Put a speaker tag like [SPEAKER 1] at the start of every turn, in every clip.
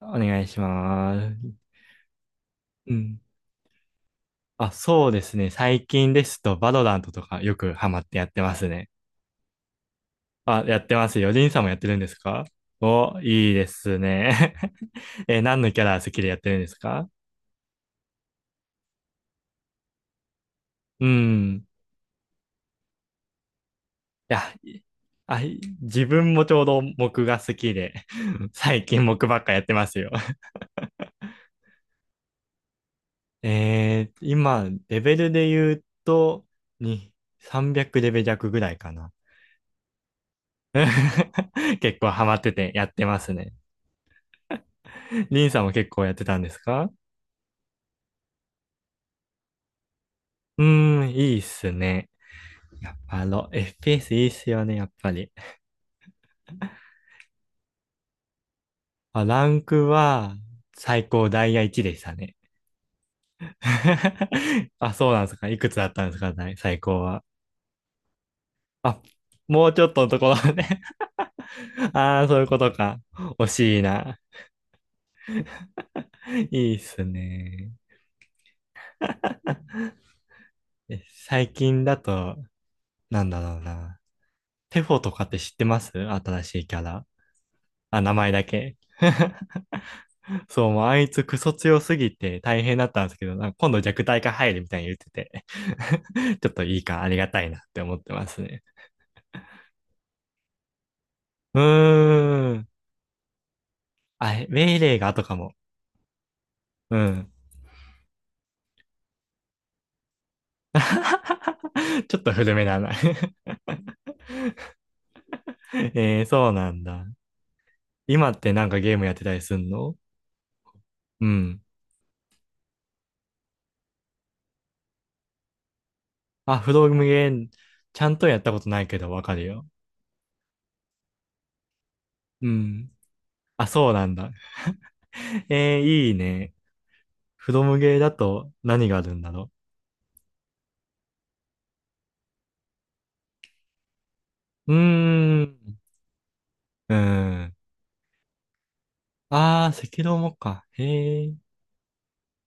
[SPEAKER 1] お願いします。うん。あ、そうですね。最近ですと、バドラントとかよくハマってやってますね。あ、やってますよ。リンさんもやってるんですか？お、いいですね。え、何のキャラ好きでやってるんですか？うん。いや、いあ、い自分もちょうど木が好きで、最近木ばっかやってますよ。今、レベルで言うと、に、300レベル弱ぐらいかな。結構ハマっててやってますね。リンさんも結構やってたんですか？うーん、いいっすね。やっぱあの、FPS いいっすよね、やっぱり。あ、ランクは最高ダイヤ1でしたね。あ、そうなんですか。いくつだったんですか、大最高は。あ、もうちょっとのところね。ああ、そういうことか。惜しいな。いいっすね。え最近だと、なんだろうな。テフォとかって知ってます？新しいキャラ。あ、名前だけ。そう、もうあいつクソ強すぎて大変だったんですけど、なんか今度弱体化入るみたいに言ってて ちょっといいか、ありがたいなって思ってますね。うーん。あ、メイレイがとかも。うん。ちょっと古めだな そうなんだ。今ってなんかゲームやってたりすんの？うん。あ、フロムゲー、ちゃんとやったことないけどわかるよ。うん。あ、そうなんだ。えー、いいね。フロムゲーだと何があるんだろう。うーん。うん。ああ、赤道もか。へえ。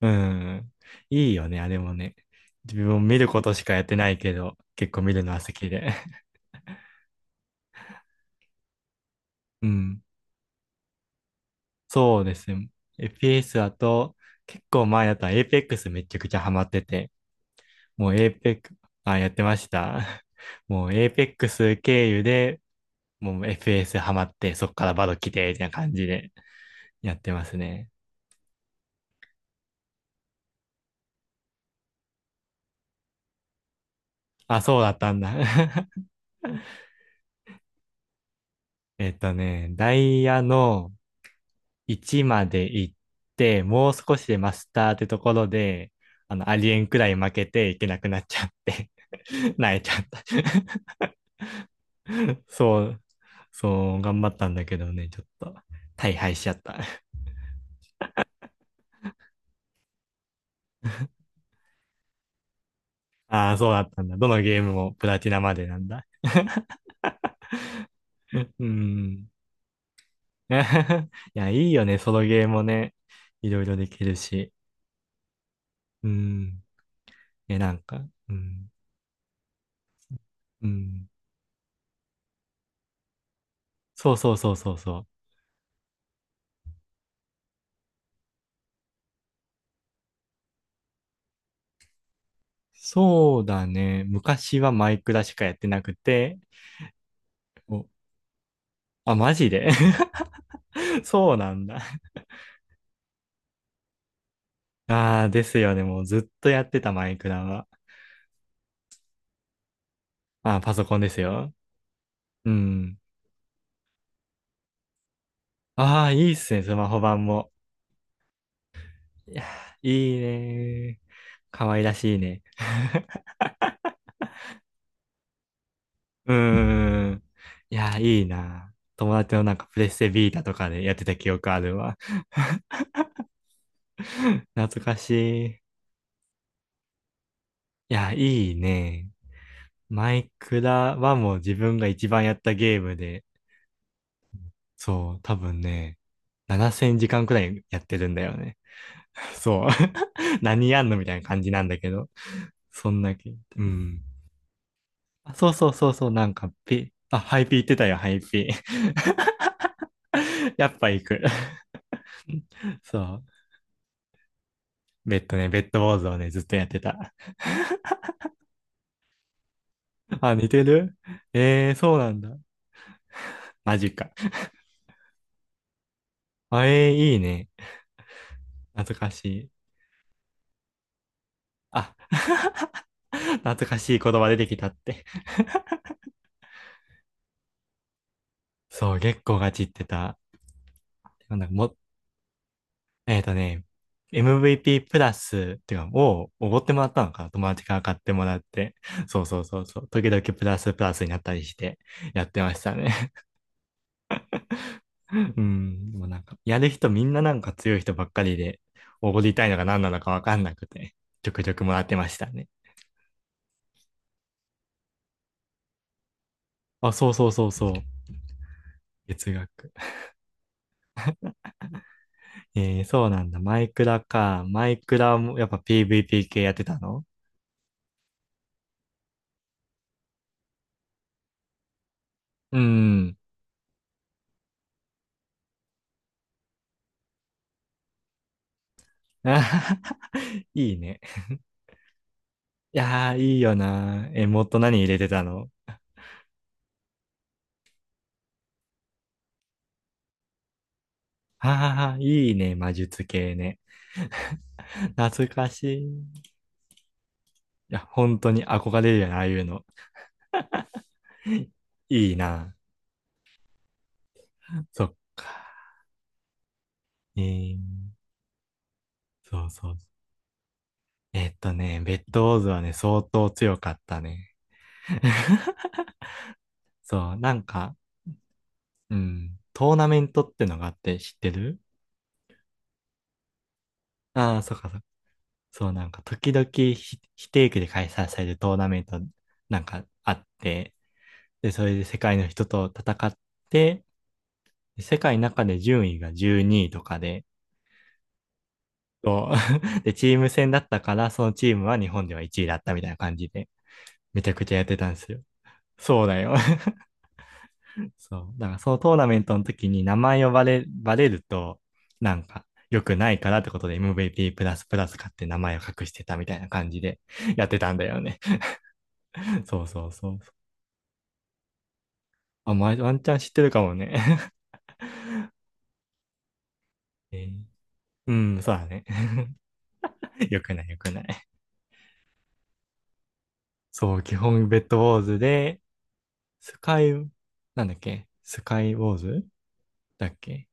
[SPEAKER 1] うん。いいよね、あれもね。自分も見ることしかやってないけど、結構見るのは好きで。うん。そうですね。FPS だと、結構前だったら Apex めちゃくちゃハマってて、もう Apex、あ、やってました。もう Apex 経由で、もう FPS ハマって、そっからバド来て、みたいな感じでやってますね。あ、そうだったんだ。ダイヤの、1まで行って、もう少しでマスターってところで、あの、ありえんくらい負けていけなくなっちゃって 泣いちゃった。 そう、そう、頑張ったんだけどね、ちょっと、大敗しちゃった。 ああ、そうだったんだ。どのゲームもプラチナまでなんだ。うん。いや、いいよね、ソロゲーもね。いろいろできるし。うん。え、なんか、うん。うん。そうそうそうそうそう。そうだね。昔はマイクラしかやってなくて、お、あ、マジで？ そうなんだ。ああ、ですよね。もうずっとやってたマイクラは。あー、パソコンですよ。うん。ああ、いいっすね、スマホ版も。いやー、いいねー。可愛らしいね。うーん。いやー、いいなー。友達のなんかプレステビータとかでやってた記憶あるわ。懐かしい。いやー、いいねー。マイクラはもう自分が一番やったゲームで、そう、多分ね、7000時間くらいやってるんだよね。そう。何やんのみたいな感じなんだけど。そんなけ、うん。あ、そうそうそうそう、なんか、ハイピー言ってたよ、ハイピー。やっぱ行く。そう。ベッドね、ベッド坊主ーをね、ずっとやってた。あ、似てる？ええー、そうなんだ。マジか。あ、ええー、いいね。懐かしい。あ、懐かしい言葉出てきたって。そう、月光が散ってた。なんだ、も、えっとね、MVP プラスっていうか、をおごってもらったのかな、友達から買ってもらって。そうそうそうそう。時々プラスプラスになったりしてやってましたね。うん。でもなんか、やる人みんななんか強い人ばっかりで、おごりたいのが何なのかわかんなくて、ちょくちょくもらってましたね。あ、そうそうそうそう。月額。そうなんだ。マイクラか。マイクラもやっぱ PVP 系やってたの？うん。いいね。いやー、いいよなー。え、もっと何入れてたの？ああー、いいね、魔術系ね。懐かしい。いや、本当に憧れるよね、ああいうの。いいな。そっか。えー、そうそう。ベッドウォーズはね、相当強かったね。そう、なんか、うん、トーナメントってのがあって知ってる？ああー、そっかそっか。そう、なんか、時々非定期で開催されるトーナメントなんかあって、で、それで世界の人と戦って、世界の中で順位が12位とかで、そう で、チーム戦だったから、そのチームは日本では1位だったみたいな感じで、めちゃくちゃやってたんですよ。そうだよ。そう。だからそのトーナメントの時に名前をバレると、なんか、良くないからってことで MVP++ プラスプラス買って名前を隠してたみたいな感じでやってたんだよね。そうそうそう。あ、まワンチャン知ってるかもね。えーうん、そうだね。良くない良くない。そう、基本ベッドウォーズで、スカイ、なんだっけスカイウォーズだっけ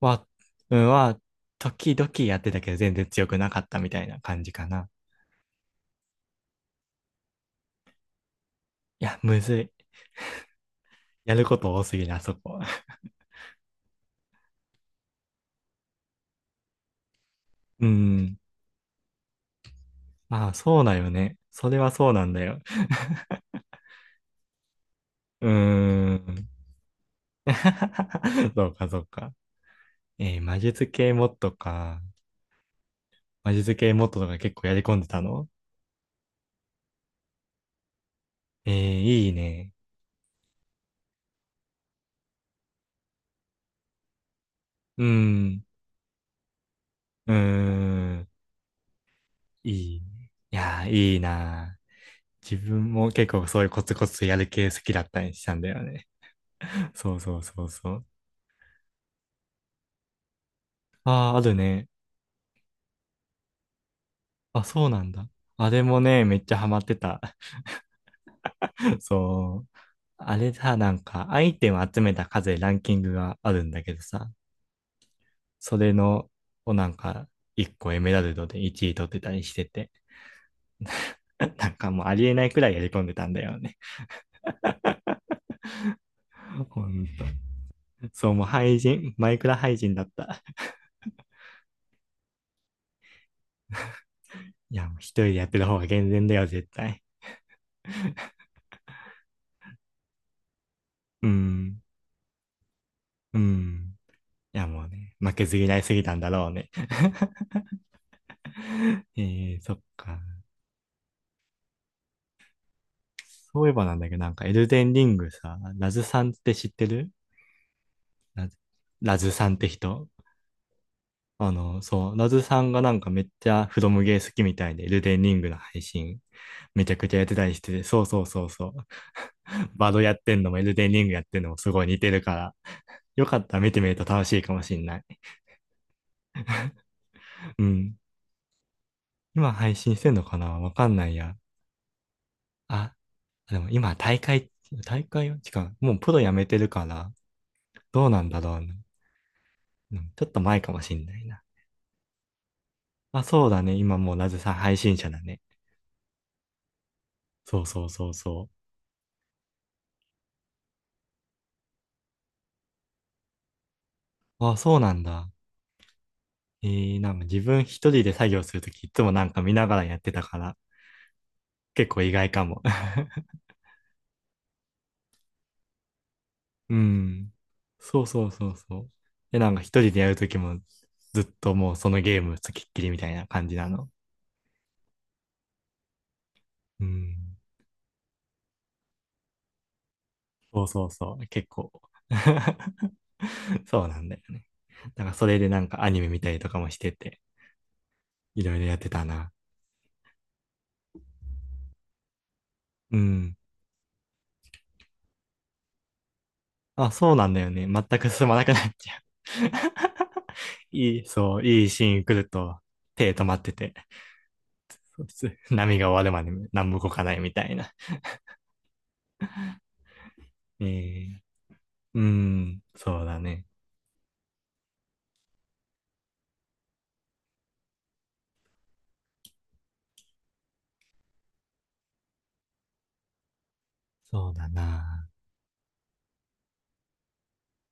[SPEAKER 1] は、うん、は、時々やってたけど全然強くなかったみたいな感じかな。いや、むずい。やること多すぎる、あそこ。うん。まあ、そうだよね。それはそうなんだよ。うーん。そうか、そうか。魔術系モッドか。魔術系モッドとか結構やり込んでたの？えーいいね。うん。うーん。いいね。いやー、いいなー。自分も結構そういうコツコツやる系好きだったりしたんだよね。そうそうそうそう。ああ、あるね。あ、そうなんだ。あれもね、めっちゃハマってた。そう。あれさ、なんか、アイテム集めた数でランキングがあるんだけどさ、それの、をなんか、1個エメラルドで1位取ってたりしてて、なんかもうありえないくらいやり込んでたんだよね。ほんと。そう、もう廃人、マイクラ廃人だった。いや、もう一人でやってる方が健全だよ、絶対。うん。うん。いや、もうね、負けず嫌いすぎたんだろうね。えそっか。そういえばなんだけど、なんかエルデンリングさ、ラズさんって知ってる？ラズさんって人あの、そう、ラズさんがなんかめっちゃフロムゲー好きみたいで、エルデンリングの配信めちゃくちゃやってたりしてて、そうそうそうそう。バドやってんのもエルデンリングやってんのもすごい似てるから、よかったら見てみると楽しいかもしんない。うん。今配信してんのかなわかんないや。あ、でも今大会、大会は違う。もうプロ辞めてるから、どうなんだろうな。うんちょっと前かもしんないな。あ、そうだね。今もうなぜさん配信者だね。そうそうそうそう。あ、そうなんだ。なんか自分一人で作業するときいつもなんか見ながらやってたから、結構意外かも。うん。そうそうそうそう。で、なんか一人でやるときもずっともうそのゲームつきっきりみたいな感じなの。うん。そうそうそう、結構 そうなんだよね。だからそれでなんかアニメ見たりとかもしてて、いろいろやってたな。うん。あ、そうなんだよね。全く進まなくなっちゃう。いい、そう、いいシーン来ると、手止まってて、そうす波が終わるまで何も動かないみたいな。えー、うん、そうだね。そうだな。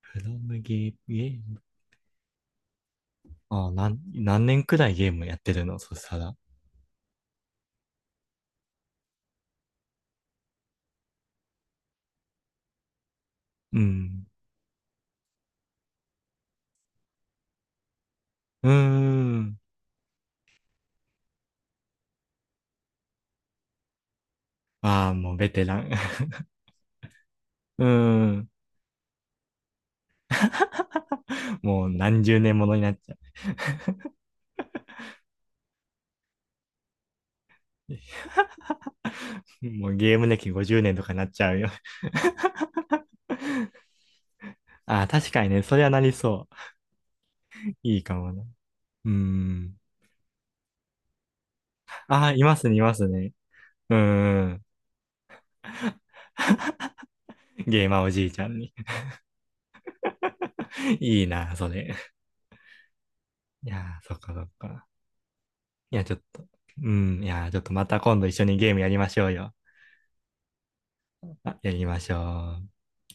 [SPEAKER 1] フロムゲー、ゲーム。あ、何年くらいゲームやってるの？そしたら。うん。うーん。ああ、もうベテラン。うーん。もう何十年ものになっちゃう。もうゲーム歴50年とかなっちゃうよ。ああ、確かにね、それはなりそう。いいかもな。うーん。ああ、いますね、いますね。うーん。ゲーマーおじいちゃんに。いいな、それ。いやー、そっかそっか。いや、ちょっと。うん。いやー、ちょっとまた今度一緒にゲームやりましょうよ。あ、やりましょう。